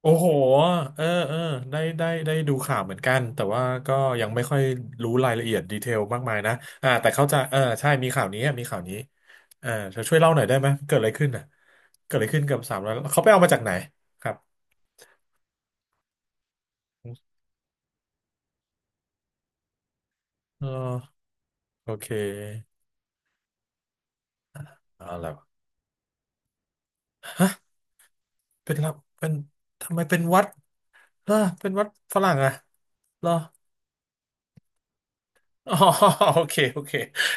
โอ้โหเออเออได้ได้ได้ดูข่าวเหมือนกัน แต่ว่าก็ยังไม่ค่อยรู้รายละเอียดดีเทลมากมายนะแต่เข้าใจเออใช่มีข่าวนี้มีข่าวนี้เธอช่วยเล่าหน่อยได้ไหม เกิดอะไรขึ้นน่ะเกิดอะไรขึ้นกับสามร้อยเขาไปเอามาจากไหนครับเออโอเคเอาแล้วเป็นรับเป็นทำไมเป็นวัดล่ะเป็นวัดฝรั่งอะเหรออ๋อ โอเคโอเค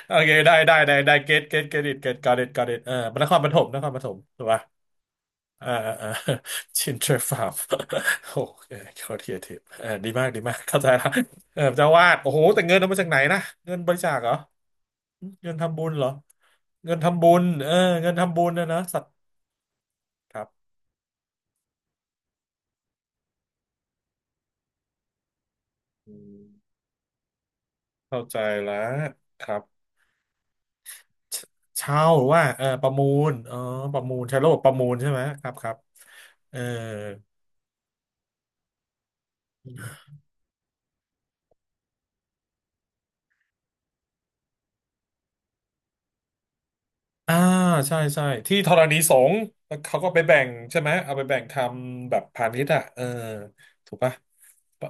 โอเคได้ได้ได้ได้ เก็ตเก็ตเก็ตอิทเก็ตกอตอิทกอตอิทเออนครปฐมนครปฐมถูกปะ อ่าอ่าอ่ ชินเทอร์ฟาร์ม โอเคโคตรครีเอทีฟเออดีมากดีมากเข้าใจละเออเจ้าวาดโอ้โหแต่เงินเอามาจากไหนนะเงินบริจาคเหรอเงินทำบุญเหรอเงินทำบุญเออเงินทำบุญนะนะสัตว์ครับอืมเข้าใจแล้วครับเชเช่าหรือว่าเออประมูลอ๋อประมูลใช้ระบบประมูลใช่ไหมครับครับเออ อ่าใช่ใช่ที่ธรณีสงฆ์แล้วเขาก็ไปแบ่งใช่ไหมเอาไปแบ่งทำแบบพาณิชย์อ่ะเออถูกปะ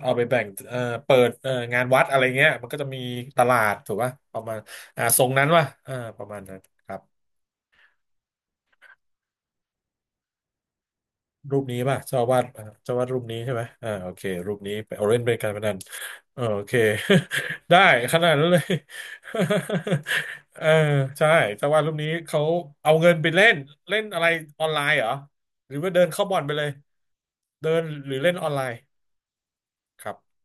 เอาไปแบ่งเออเปิดเอองานวัดอะไรเงี้ยมันก็จะมีตลาดถูกปะประมาณทรงนั้นวะเออประมาณนั้นครับ รูปนี้ป่ะเจ้าอาวาดเจ้าอาวาดรูปนี้ใช่ไหมโอเครูปนี้ไปเอาเล่นเป็นการพนันเออโอเค ได้ขนาดนั้นเลย เออใช่เจ้าอาวาดรูปนี้เขาเอาเงินไปเล่นเล่นอะไรออนไลน์เหรอหรือว่าเดินเข้าบ่อนไปเลยเดินหรือเล่นออนไลน์ครับ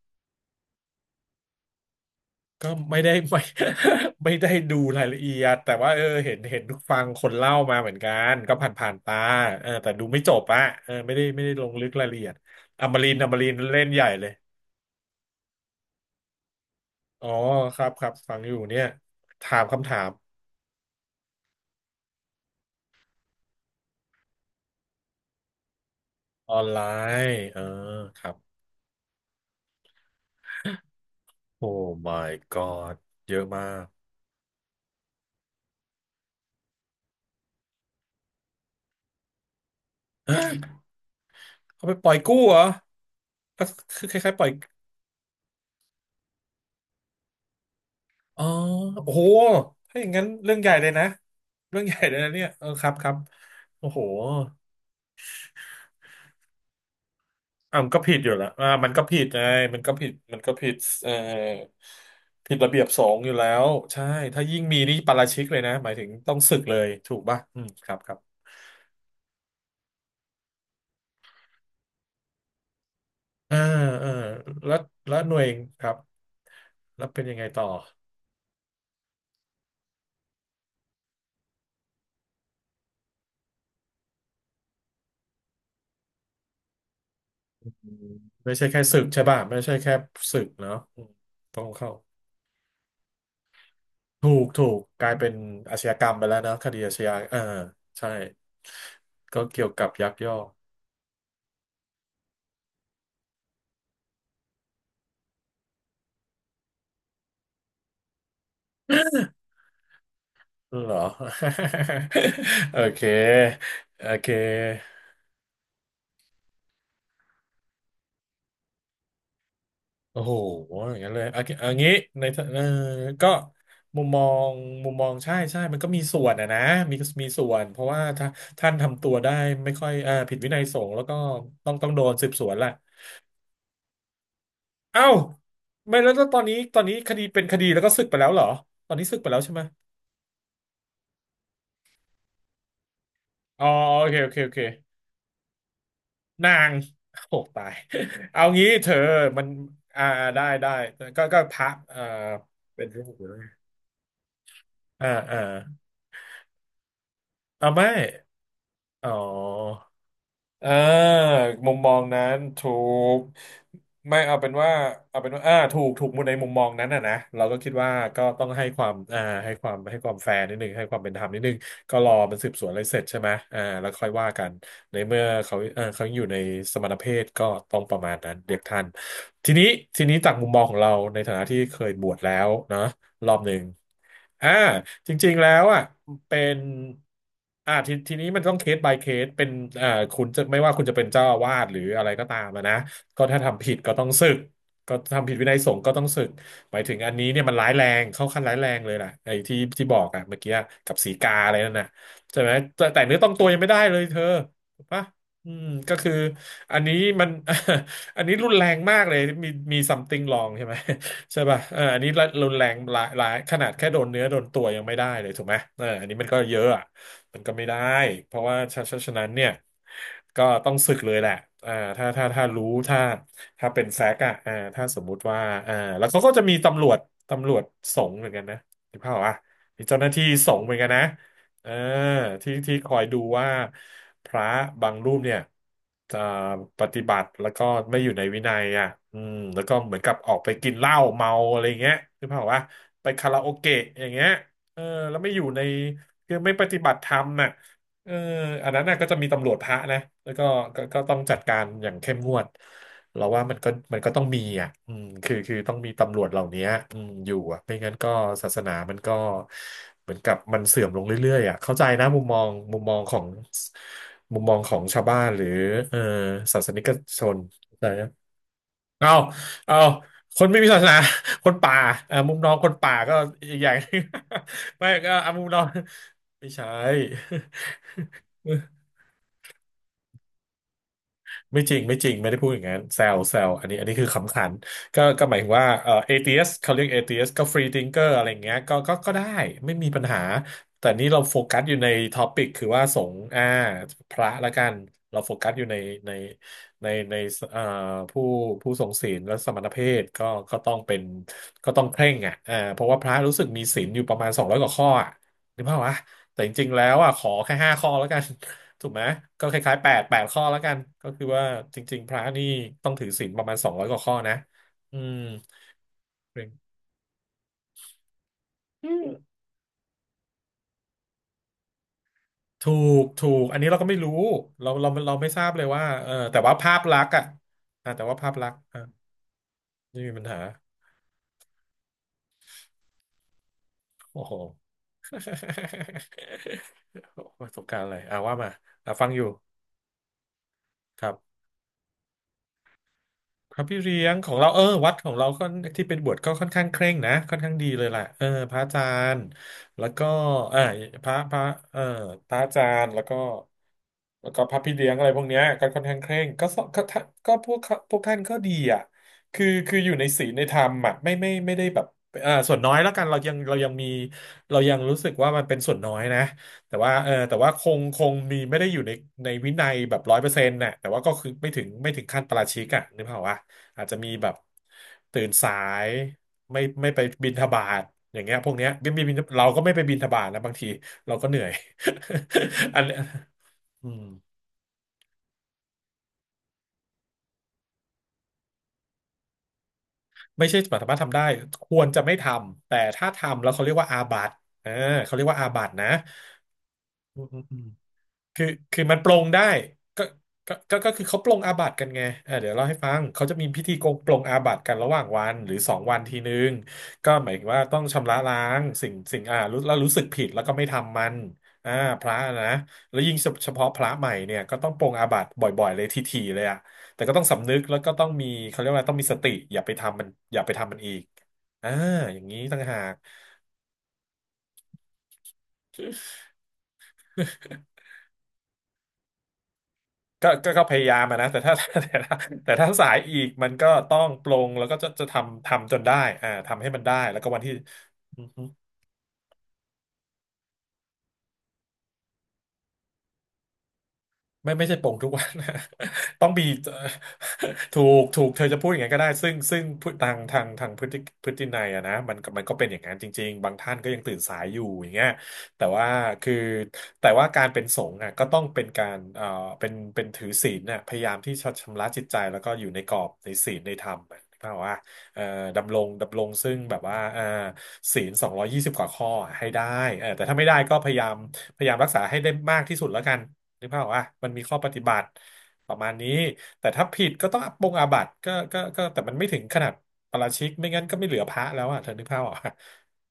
ก็ไม่ได้ ไม่ ไม่ได้ดูรายละเอียดแต่ว่าเออเห็นฟังคนเล่ามาเหมือนกันก็ผ่านตาเออแต่ดูไม่จบอะเออไม่ได้ไม่ได้ลงลึกรายละเอียดอมรินทร์อมรินทร์เล่นใหญ่เลย อ๋อครับครับฟังอยู่เนี่ยถามคำถามออนไลน์เออครับโอ้ my god เยอะมาก เขาไปปล่อยกู้เหรอก็คือคล้ายๆปล่อยอ๋อโอ้โหถ้าอย่างนั้นเรื่องใหญ่เลยนะเรื่องใหญ่เลยนะเนี่ยเออครับครับโอ้โหอ่ะมันก็ผิดอยู่และมันก็ผิดไงมันก็ผิดมันก็ผิดเอ่อผิดระเบียบสงฆ์อยู่แล้วใช่ถ้ายิ่งมีนี่ปาราชิกเลยนะหมายถึงต้องสึกเลยถูกป่ะอืมครับครับ อ่าอ่าแล้วแล้วหน่วยครับแล้วเป็นยังไงต่ออืมไม่ใช่แค่ศึกใช่ป่ะไม่ใช่แค่ศึกเนาะอืมต้องเข้าถูกถูกกลายเป็นอาชญากรรมไปแล้วนะคดีอาชญาใช่ก็เกี่ยวกับยักยอกเหรอ โอเคโอเค โอ้โหอย่างนั้นเลยอ่ะอ่ะอย่างนี้ในเออก็มุมมองมุมมองใช่ใช่มันก็มีส่วนอะนะมีมีส่วนเพราะว่าถ้าท่านทำตัวได้ไม่ค่อยผิดวินัยสงฆ์แล้วก็ต้องโดนสืบสวนแหละเอ้าไม่แล้วแล้วตอนนี้ตอนนี้คดีเป็นคดีแล้วก็สึกไปแล้วเหรอตอนนี้สึกไปแล้วใช่ไหมอ๋อโอเคโอเคโอเคนางโอ้ตาย เอางี้เธอมันอ่าได้ได้ก็พระเป็นรูปหรือไงอ่าอ่าเอาไม่อ๋อ อ่ามุมมองนั้นถูกไม่เอาเป็นว่าเอาเป็นว่าถูกถูกมุมในมุมมองนั้นนะนะเราก็คิดว่าก็ต้องให้ความให้ความให้ความแฟร์นิดนึงให้ความเป็นธรรมนิดนึงก็รอมันสืบสวนอะไรเสร็จใช่ไหมแล้วค่อยว่ากันในเมื่อเขาเขายังอยู่ในสมณเพศก็ต้องประมาณนั้นเด็กทันทีนี้ทีนี้จากมุมมองของเราในฐานะที่เคยบวชแล้วนะ รอบหนึ่งอ่าจริงๆ แล้วอ่ะเป็นทีนี้มันต้องเคส by เคสเป็นอ่าคุณจะไม่ว่าคุณจะเป็นเจ้าอาวาสหรืออะไรก็ตามอะนะ ก็ถ้าทำผิดก็ต้องสึกก็ทำผิดวินัยสงฆ์ก็ต้องสึกหมายถึงอันนี้เนี่ยมันร้ายแรง เข้าขั้นร้ายแรงเลยล่ะไอ้ที่บอกอ่ะเมื่อกี้กับสีกาอะไรนั่นน่ะใช่ไหมแต่เนื้อต้องตัวยังไม่ได้เลยเธอถูกปะอืมก็คือ อันนี้มัน อันนี้รุนแรงมากเลย มี something wrong ใช่ไหม ใช่ป่ะเอออันนี้รรุนแรงหลายขนาดแค่โดนเนื้อโดนตัวยังไม่ได้เลยถูกไหมเอออันนี้มันก็เยอะอะ มันก็ไม่ได้ เพราะว่าฉะนั้นเนี่ยก็ต้องสึกเลยแหละถ้าถ้าเป็นแฟกต์อะถ้าสมมุติว่าแล้วเขาก็จะมีตำรวจสงฆ์เหมือนกันนะถูกเปล่าวะมีเจ้าหน้าที่สงฆ์เหมือนกันนะ อ่าที่คอยดูว่าพระบางรูปเนี่ยจะปฏิบัติแล้วก็ไม่อยู่ในวินัยอ่ะอืมแล้วก็เหมือนกับออกไปกินเหล้าเมาอะไรเงี้ยคือเปล่าวะไปคาราโอเกะอย่างเงี้ยเออแล้วไม่อยู่ในคือไม่ปฏิบัติธรรมน่ะเอออันนั้นน่ะก็จะมีตำรวจพระนะแล้วก็ก็ต้องจัดการอย่างเข้มงวด เราว่ามันก็ต้องมีอ่ะอืมคือต้องมีตำรวจเหล่านี้อืมอยู่อ่ะไม่งั้นก็ศาสนามันก็เหมือนกับมันเสื่อมลงเรื่อยๆอ่ะเข้าใจนะมุมมองของชาวบ้านหรือเออศาสนิกชนเข้าใจนะเอาเอาคนไม่มีศาสนา คนป่าเอ่ามุมน้องคนป่าก็อีกอย่างหนึ่ง ไม่ก็เอามุมน้อง ไม่ใช่ ไม่จริงไม่ได้พูดอย่างนั้นแซวอันนี้คือขำขันก็หมายถึงว่าเอทีเอสเขาเรียกเอทีเอสก็ฟรีทิงเกอร์อะไรเงี้ยก็ได้ไม่มีปัญหาแต่นี่เราโฟกัสอยู่ในท็อปิกคือว่าสงฆ์อ่าพระละกันเราโฟกัสอยู่ในในในเอ่อผู้ผู้ทรงศีลและสมณเพศก็ก็ต้องเป็นก็ต้องเคร่งอ่ะเพราะว่าพระรู้สึกมีศีลอยู่ประมาณสองร้อยกว่าข้ออ่ะ หรือเปล่าวะแต่จริงๆแล้วอ่ะขอแค่5 ข้อแล้วกัน ถูกไหมก็คล้ายๆแปดข้อแล้วกันก็คือว่าจริงๆพระนี่ต้องถือศีลประมาณสองร้อยกว่าข้อนะอืมเป็นอืมถูถูกอันนี้เราก็ไม่รู้เราไม่ทราบเลยว่าเออแต่ว่าภาพลักษณ์อ่ะอ่ะแต่ว่าภาพลักษณ์อ่ะไม่มีปัญหาโอ้โห โอ้โหประสบการณ์อะไรอ่ะว่ามาอ่ะฟังอยู่ครับ พระพี่เลี้ยงของเราเออวัดของเราค่อนที่เป็นบวชก็ค่อนข้างเคร่งนะค่อนข้างดีเลยแหละเออพระอาจารย์แล้วก็เออพระพระเออพระอาจารย์แล้วก็ แล้วก็พับพี่เลี้ยงอะไรพวกเนี้ยก็ค่อนข้างเคร่งก็สก็ท่านก็พวกเขาพวกท่านก็ดีอ่ะคืออยู่ในศีลในธรรมอ่ะไม่ได้แบบส่วนน้อยแล้วกันเรายังมีเรายังรู้สึกว่ามันเป็นส่วนน้อยนะแต่ว่าเออแต่ว่าคงมีไม่ได้อยู่ในในวินัยแบบ100%น่ะแต่ว่าก็คือไม่ถึงขั้นปาราชิกอ่ะนึกภาพว่าอาจจะมีแบบตื่นสายไม่ไปบิณฑบาตอย่างเงี้ยพวกเนี้ยไม่ไม่บิณเราก็ไม่ไปบิณฑบาตนะบางทีเราก็เหนื่อย อันอืม ไม่ใช่สามารถทำได้ควรจะไม่ทำแต่ถ้าทำแล้วเขาเรียกว่าอาบัติเออเขาเรียกว่าอาบัตินะอืม คือคือมันปลงได้ก็ก็คือเขาปลงอาบัติกันไงเออเดี๋ยวเล่าให้ฟังเขาจะมีพิธีโกงปลงอาบัติกันระหว่างวันหรือสองวันทีนึงก็หมายถึงว่าต้องชำระล้างสิ่งอ่ารู้แล้วรู้สึกผิดแล้วก็ไม่ทำมันอ่าพระนะแล้วยิ่งเฉพาะพระใหม่เนี่ยก็ต้องปลงอาบัติบ่อยๆเลยๆเลยอะแต่ก็ต้องสำนึกแล้วก็ต้องมีเขาเรียกว่าอะไรต้องมีสติอย่าไปทำมันอย่าไปทำมันอีกอ่าอย่างนี้ต่างหาก ก็พยายามอะนะแต่ถ้า แต่ถ้าแต่ถ้าสายอีกมันก็ต้องปลงแล้วก็จะทำจนได้อ่าทำให้มันได้แล้วก็วันที่ ไม่ใช่โป่งทุกวัน ต้องมี ถูกเธอจะพูดอย่างนั้นก็ได้ซึ่งพฤทางทางทางพฤตินัยอะนะมันก็เป็นอย่างนั้นจริงๆบางท่านก็ยังตื่นสายอยู่อย่างเงี้ยแต่ว่าคือแต่ว่าการเป็นสงฆ์อะก็ต้องเป็นการเป็นถือศีลน่ะพยายามที่จะชำระจิตใจแล้วก็อยู่ในกรอบในศีลในธรรมอะนึกภาพว่าเอ่อดำรงซึ่งแบบว่าศีล220 กว่าข้ออะให้ได้เออแต่ถ้าไม่ได้ก็พยายามพยายามรักษาให้ได้มากที่สุดแล้วกัน นึกภาพออกอ่ะมันมีข้อปฏิบัติประมาณนี้ แต่ถ้าผิดก็ต้องปรงอาบัติก็ก็ก็แต่มันไม่ถึงขนาดปาราชิก ไม่งั้นก็ไม่เหลือพระแล้วอ่ะเธอนึกภาพออกอ่ะ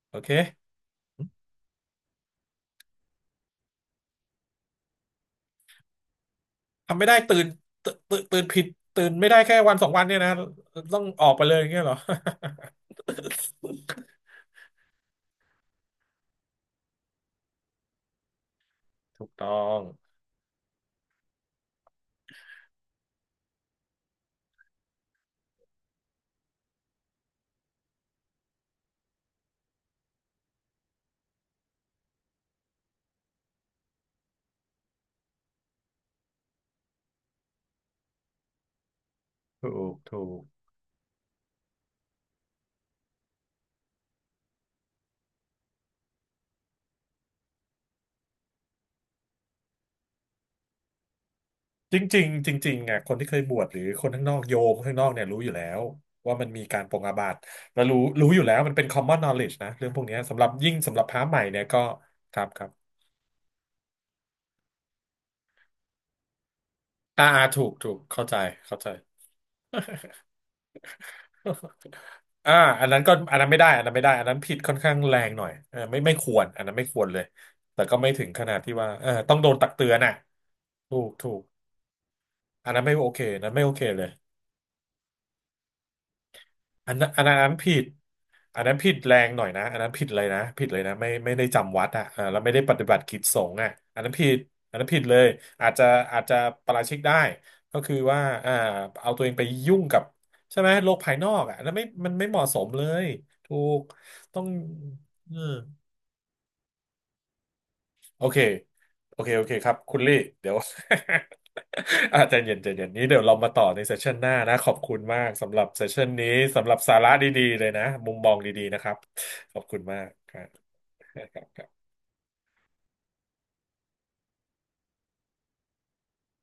โอเค ทำไม่ได้ตื่น ตื่นผิด ตื่นไม่ได้แค่วันสองวันเนี่ยนะต้องออกไปเลยอย่างเงี้ยเหรอ ถูกต้อง ถูก ถูก จริงๆจริงๆอ่ะคนที่เคยบวชหรือคนข้างนอกโยมข้างนอกเนี่ยรู้อยู่แล้วว่ามันมีการปรงอาบัติแล้วรู้อยู่แล้วมันเป็น common knowledge นะเรื่องพวกเนี้ยสำหรับยิ่งสำหรับพระใหม่เนี่ยก็ครับอ่าถูกเข้าใจเข้าใจ อ่าอันนั้นไม่ได้อันนั้นผิดค่อนข้างแรงหน่อยเออไม่ควรอันนั้นไม่ควรเลยแต่ก็ไม่ถึงขนาดที่ว่าเออต้องโดนตักเตือนอ่ะถูกอันนั้นไม่โอเคอันนั้นไม่โอเคเลย อันนั้นผิดอันนั้นผิดแรงหน่อยนะอันนั้นผิดเลยนะผิดเลยนะไม่ได้จำวัดอ่ะเออแล้วไม่ได้ปฏิบัติกิจสงฆ์อ่ะอันนั้นผิดอันนั้นผิดเลยอาจจะอาจจะปาราชิกได้ก็คือว่าอ่าเอาตัวเองไปยุ่งกับใช่ไหมโลกภายนอกอ่ะแล้วไม่มันไม่เหมาะสมเลยถูกต้องเออ โอเคโอเค โอเคครับ คุณลี่เดี๋ยว อาจจะเย็นใจเย็นนี้เดี๋ยวเรามาต่อในเซสชันหน้านะ ขอบคุณมากสำหรับเซสชันนี้ สำหรับสาระดีๆเลยนะ มุมมองดีๆนะครับ ขอบคุณมากครับ